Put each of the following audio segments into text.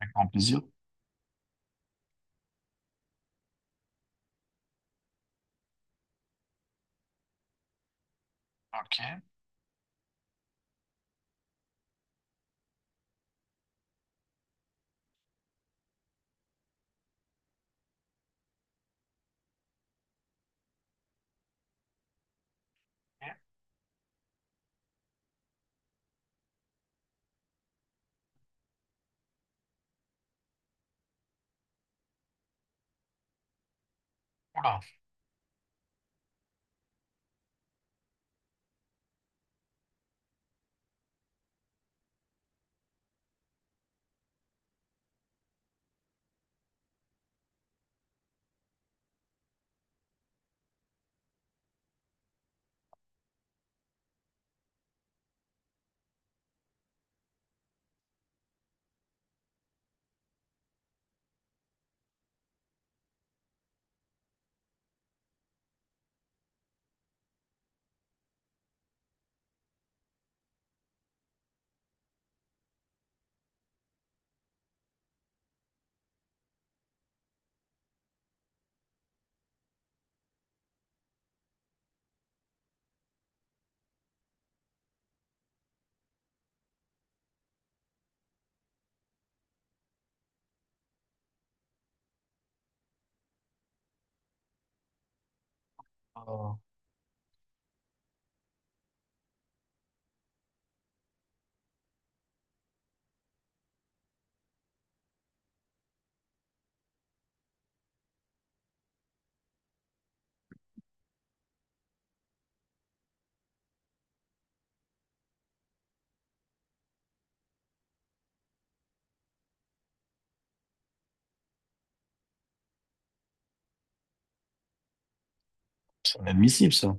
Avec grand plaisir. Ok. Et- Oula. Euh, c'est inadmissible, ça.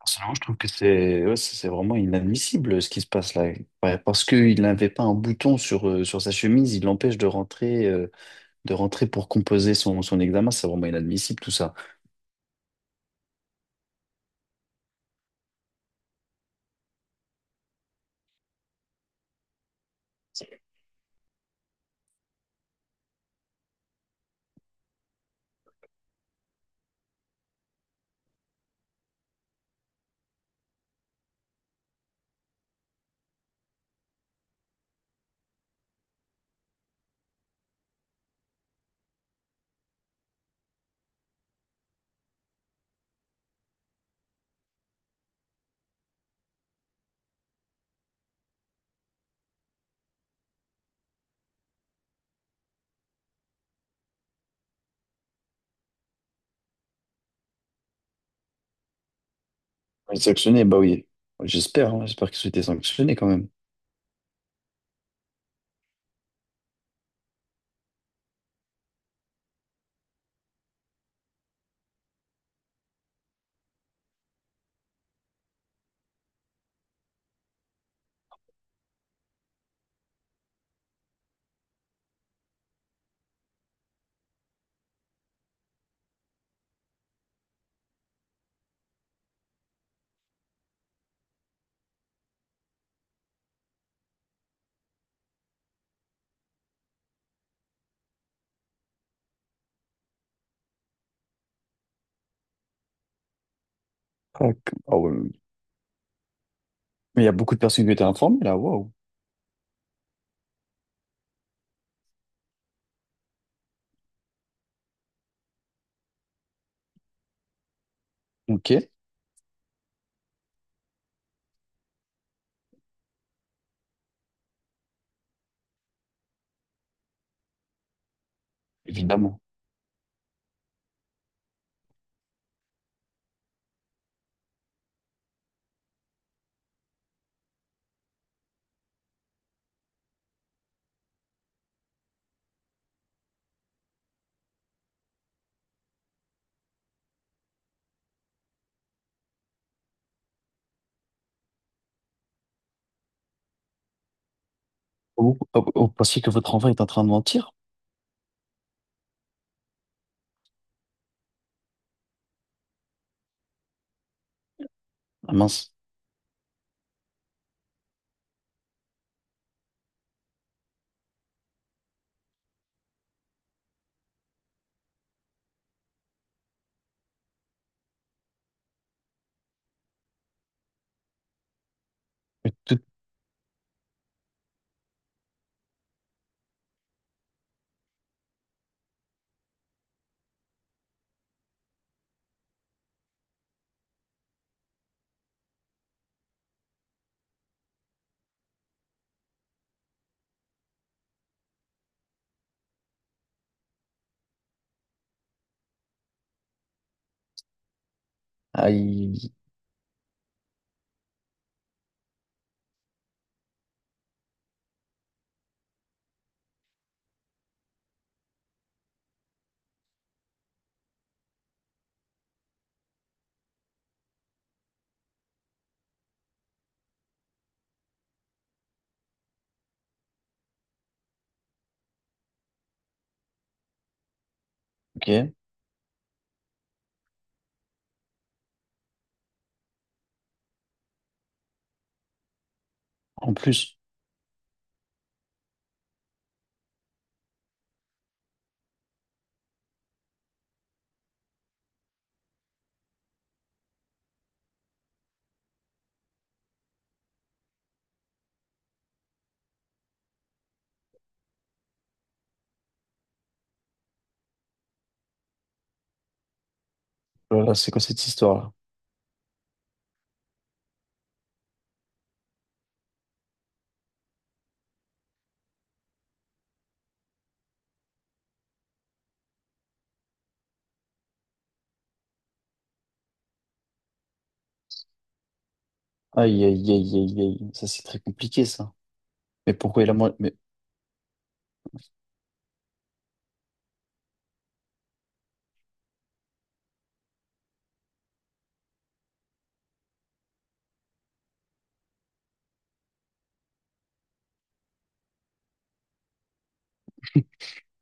Personnellement, je trouve que c'est ouais, c'est vraiment inadmissible ce qui se passe là. Ouais, parce qu'il n'avait pas un bouton sur, sur sa chemise, il l'empêche de rentrer pour composer son examen. C'est vraiment inadmissible tout ça. Il est sanctionné, bah oui. J'espère, hein, j'espère qu'ils ont été sanctionnés quand même. Ah ouais. Mais il y a beaucoup de personnes qui ont été informées là, waouh. Ok, évidemment. Vous pensiez que votre enfant est en train de mentir? Ah mince. Tout- Aïe. Ok. En plus, oh là là, c'est quoi cette histoire-là? Aïe, aïe, aïe, aïe, aïe. Ça, c'est très compliqué, ça. Mais pourquoi il a... mo- Mais...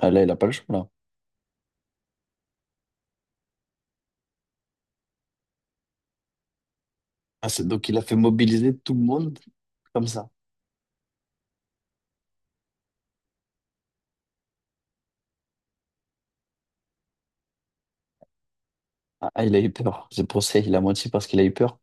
Ah, là, il a pas le choix, là. Donc, il a fait mobiliser tout le monde comme ça. Ah, ah, il a eu peur. C'est pour ça, il a menti parce qu'il a eu peur.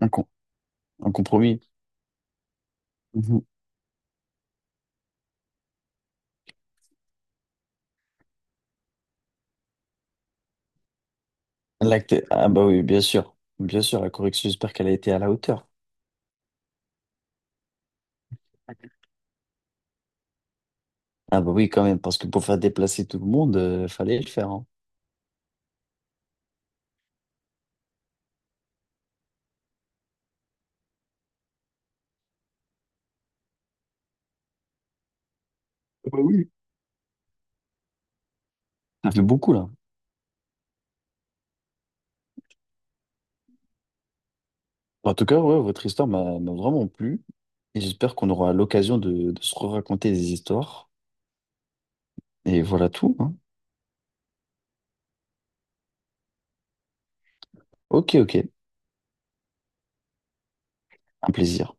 Un, com- un compromis. Mhm. Ah bah oui, bien sûr. Bien sûr, la correction, j'espère qu'elle a été à la hauteur. Ah bah oui, quand même, parce que pour faire déplacer tout le monde, fallait le faire, hein. Ah bah oui. Ça fait beaucoup là. Bah, en tout cas, ouais, votre histoire m'a vraiment plu. Et j'espère qu'on aura l'occasion de se raconter des histoires. Et voilà tout, hein. Ok, ok. Un plaisir.